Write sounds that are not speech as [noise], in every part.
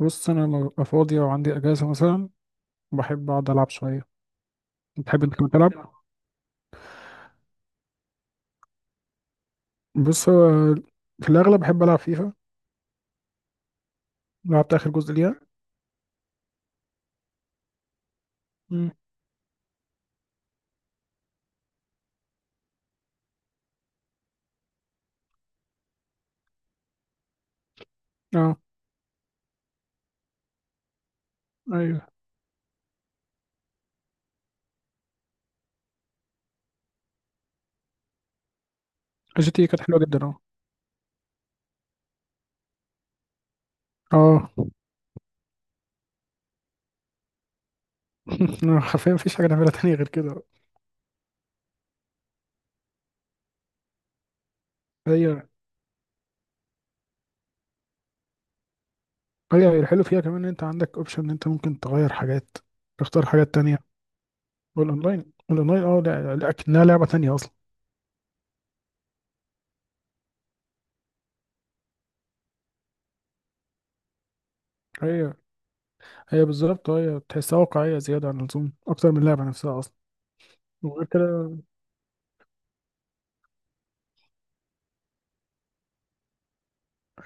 بص انا لو أبقى فاضي او عندي اجازه مثلا، بحب اقعد العب شويه. بتحب انت كمان تلعب؟ بص هو في الاغلب بحب العب فيفا. لعبت اخر جزء ليها. مم. اه. ايوه، جي تي إيه كانت حلوه جدا اه. اه. [laughs] حرفيا مفيش حاجه نعملها تانية غير كده. هي هي الحلو فيها كمان ان انت عندك اوبشن ان انت ممكن تغير حاجات، تختار حاجات تانية. والاونلاين الاونلاين اه لا، اكنها لعبه تانية اصلا. هي هي بالظبط، هي تحسها واقعيه زياده عن اللزوم اكتر من اللعبه نفسها اصلا. وغير كده.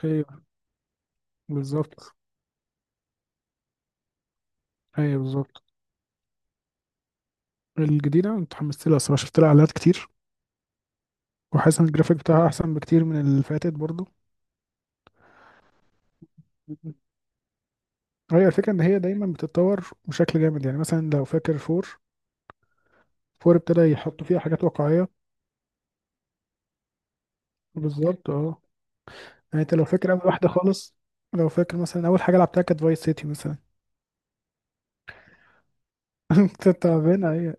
هي بالظبط. ايوه بالظبط. الجديدة أنا اتحمست لها الصراحة، شفت لها اعلانات كتير، وحاسس ان الجرافيك بتاعها احسن بكتير من اللي فاتت برضه. هي الفكرة ان هي دايما بتتطور بشكل جامد، يعني مثلا لو فاكر فور، فور ابتدى يحطوا فيها حاجات واقعية. بالظبط اه. يعني انت لو فاكر اول واحدة خالص، لو فاكر مثلا اول حاجة لعبتها كانت فايس سيتي مثلا. [laughs] كنت تعبانة هي.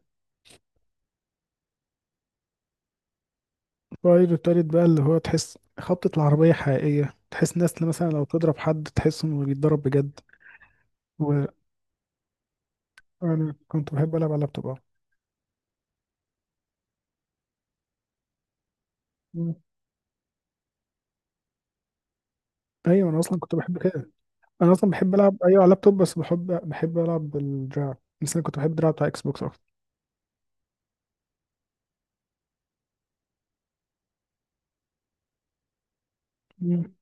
فايس التالت بقى اللي هو تحس خبطة العربية حقيقية، تحس ناس مثلا لو تضرب حد تحس انه بيتضرب بجد. وانا كنت بحب العب على اللابتوب. اه. ايوه انا اصلا كنت بحب كده. انا اصلا بحب العب ايوه على اللابتوب، بس بحب العب بالدراع، بس انا كنت بحب الدراع بتاع اكس بوكس اكتر. مم.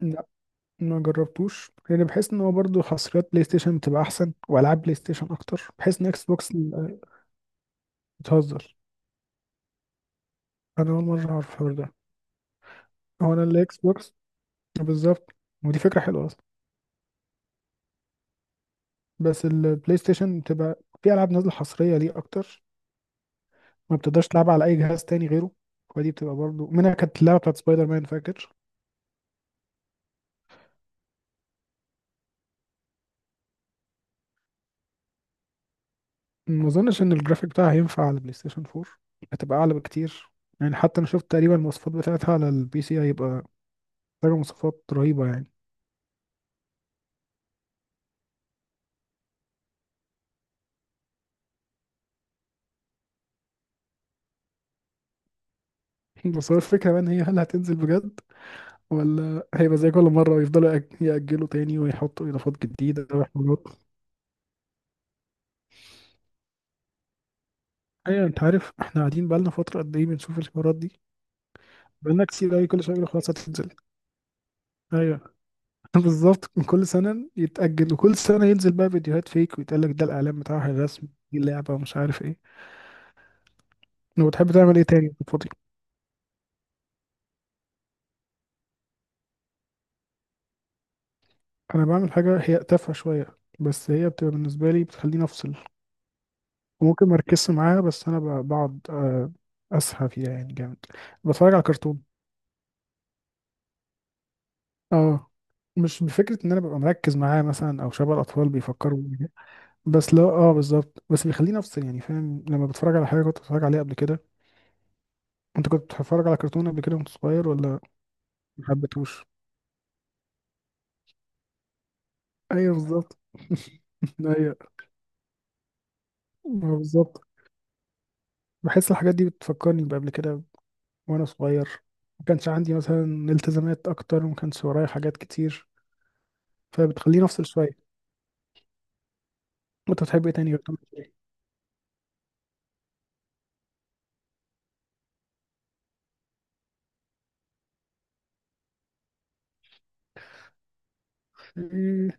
لا، ما جربتوش لان بحس ان هو برضه حصريات بلاي ستيشن بتبقى احسن، والعاب بلاي ستيشن اكتر، بحس ان اكس بوكس بتهزر؟ انا اول مره اعرف الحوار ده. هو انا الاكس بوكس، بالظبط، ودي فكره حلوه اصلا. بس البلاي ستيشن بتبقى في العاب نازله حصريه ليه اكتر، ما بتقدرش تلعبها على اي جهاز تاني غيره، ودي بتبقى برضه منها كانت اللعبه بتاعت سبايدر مان فاكر. ما اظنش ان الجرافيك بتاعها هينفع على البلاي ستيشن 4، هتبقى اعلى بكتير. يعني حتى انا شفت تقريبا المواصفات بتاعتها على البي سي، هيبقى محتاجة مواصفات رهيبة يعني. [laughs] بس هو الفكرة بقى ان هي هل هتنزل بجد، ولا هيبقى زي كل مرة ويفضلوا يأجلوا تاني ويحطوا إضافات جديدة وحوارات. أيوة، أنت عارف احنا قاعدين بقالنا فترة قد إيه بنشوف الحوارات دي، بقالنا كتير أوي كل شوية يقولوا خلاص هتنزل. أيوة. [laughs] بالظبط، من كل سنة يتأجل وكل سنة ينزل بقى فيديوهات فيك ويتقال لك ده الإعلان بتاعها الرسمي دي اللعبة ومش عارف إيه. لو بتحب تعمل إيه تاني؟ انا بعمل حاجه هي تافهه شويه، بس هي بتبقى بالنسبه لي بتخليني افصل، وممكن ما اركزش معاها، بس انا بقعد اسهى فيها يعني جامد. بتفرج على كرتون. اه. مش بفكره ان انا ببقى مركز معاه مثلا او شبه الاطفال بيفكروا بيه. بس لو اه بالظبط، بس بيخليني افصل يعني فاهم لما بتفرج على حاجه كنت بتفرج عليها قبل كده. انت كنت بتتفرج على كرتون قبل كده وانت صغير ولا؟ ما حبيتهوش. ايوه بالظبط. [laughs] ايوه. ما هو بالظبط. بحس الحاجات دي بتفكرني بقبل كده وانا صغير، ما كانش عندي مثلا التزامات اكتر وما كانش ورايا حاجات كتير، فبتخليني افصل شويه. انت بتحب ايه تاني غير Tom and Jerry؟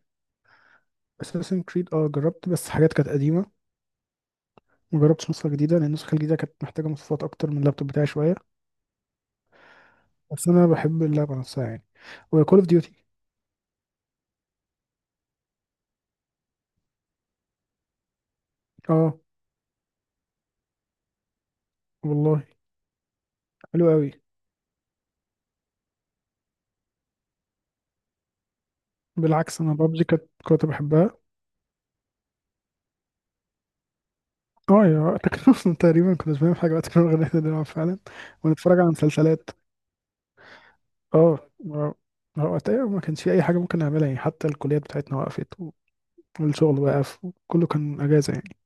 اساسن كريد اه، جربت بس حاجات كانت قديمه، ما جربتش نسخه جديده لان النسخه الجديده كانت محتاجه مواصفات اكتر من اللابتوب بتاعي شويه. بس انا بحب اللعبه نفسها يعني. وكول اوف ديوتي. اه. والله، حلو قوي. بالعكس انا بابجي كانت كنت بحبها. اه يا وقتك. [laughs] اصلا تقريبا كنت بعمل حاجه وقت كنا بنلعب فعلا، ونتفرج على مسلسلات. اه ما هو وقتها ما كانش في اي حاجه ممكن نعملها يعني، حتى الكليات بتاعتنا وقفت والشغل وقف وكله كان اجازه يعني.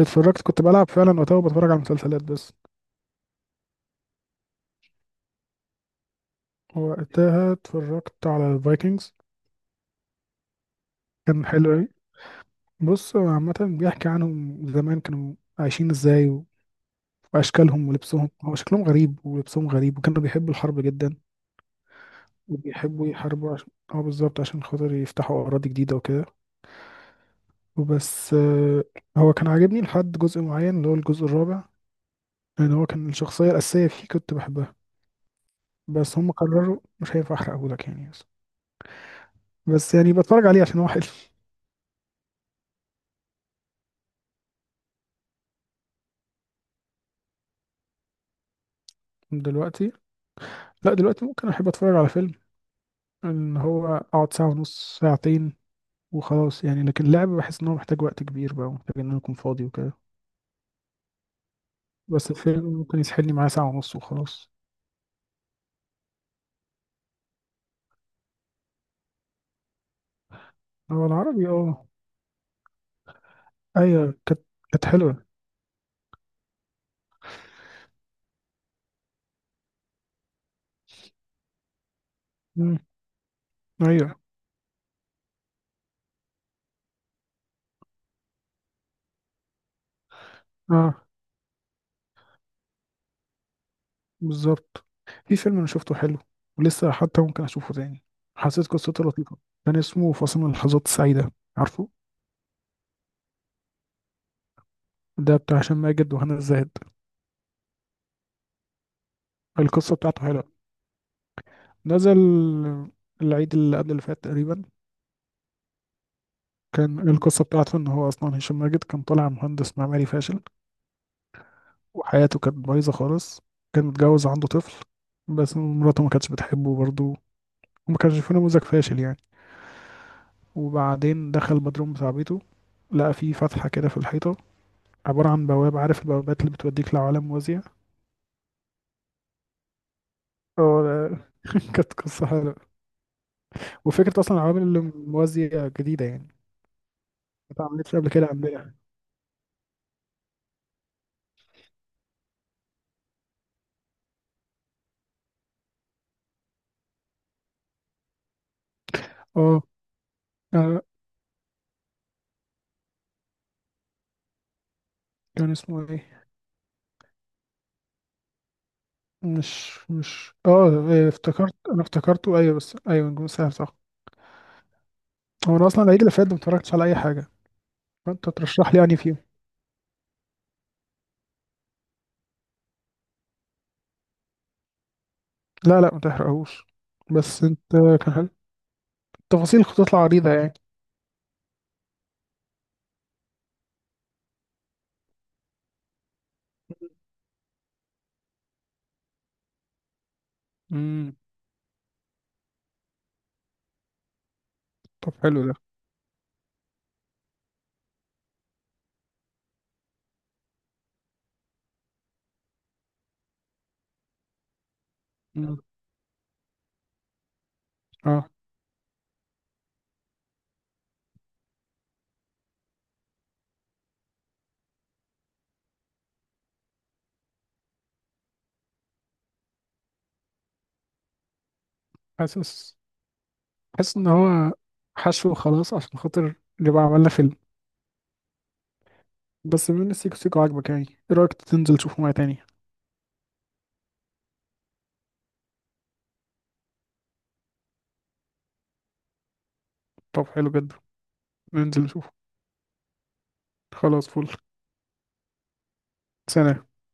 اتفرجت، كنت بلعب فعلا وقتها وبتفرج على مسلسلات بس. وقتها اتفرجت على الفايكنجز. كان حلو اوي. بص هو عامه بيحكي عنهم زمان كانوا عايشين ازاي واشكالهم ولبسهم، هو شكلهم غريب ولبسهم غريب، وكانوا بيحبوا الحرب جدا. وبيحبوا يحاربوا عشان اه بالظبط عشان خاطر يفتحوا اراضي جديده وكده. وبس هو كان عاجبني لحد جزء معين اللي هو الجزء الرابع، يعني هو كان الشخصية الأساسية فيه كنت بحبها، بس هم قرروا مش هينفع أحرقهولك يعني. بس يعني بتفرج عليه عشان هو حلو. [laughs] دلوقتي؟ لا دلوقتي ممكن أحب أتفرج على فيلم، إن هو أقعد ساعة ونص ساعتين وخلاص يعني، لكن اللعب بحس إن هو محتاج وقت كبير بقى ومحتاج إن أنا أكون فاضي وكده. بس الفيلم ممكن يسحلني معاه ساعة ونص وخلاص. هو العربي أه، أيوة كانت، كانت حلوة. مم. أيوة. أه بالظبط. في فيلم انا شفته حلو، ولسه حتى ممكن اشوفه تاني، حسيت قصته لطيفه. كان اسمه فاصل من اللحظات السعيده، عارفه؟ ده بتاع هشام ماجد وهنا الزاهد. القصه بتاعته حلوه. نزل العيد اللي قبل اللي فات تقريبا. كان القصه بتاعته ان هو اصلا هشام ماجد كان طالع مهندس معماري فاشل، وحياته كانت بايظه خالص، كان متجوز عنده طفل، بس مراته ما كانتش بتحبه برضه، وما كانش في نموذج فاشل يعني. وبعدين دخل البدروم بتاع بيته، لقى فيه فتحة كده في الحيطة، عبارة عن بوابة، عارف البوابات اللي بتوديك لعوالم موازية. اه [laughs] كانت قصة حلوة، وفكرة أصلا العوالم اللي موازية جديدة يعني، ما اتعملتش قبل كده عندنا. اه. آه، كان اسمه ايه؟ مش مش اه إيه، افتكرت، انا افتكرته ايوه، بس ايوه نجوم الساحل صح. هو انا اصلا العيد اللي فات ده ما اتفرجتش على اي حاجة، فانت ترشح لي يعني فيه؟ لا لا ما تحرقهوش. بس انت، كان حلو، التفاصيل هتطلع عريضة يعني. امم. طب حلو ده. مم. اه. حاسس حاسس ان هو حشو خلاص عشان خاطر نبقى عملنا فيلم. بس بما ان سيكو سيكو عاجبك، يعني ايه رايك تنزل تشوفه معايا تاني؟ طب حلو جدا. ننزل نشوفه. خلاص فل. سلام.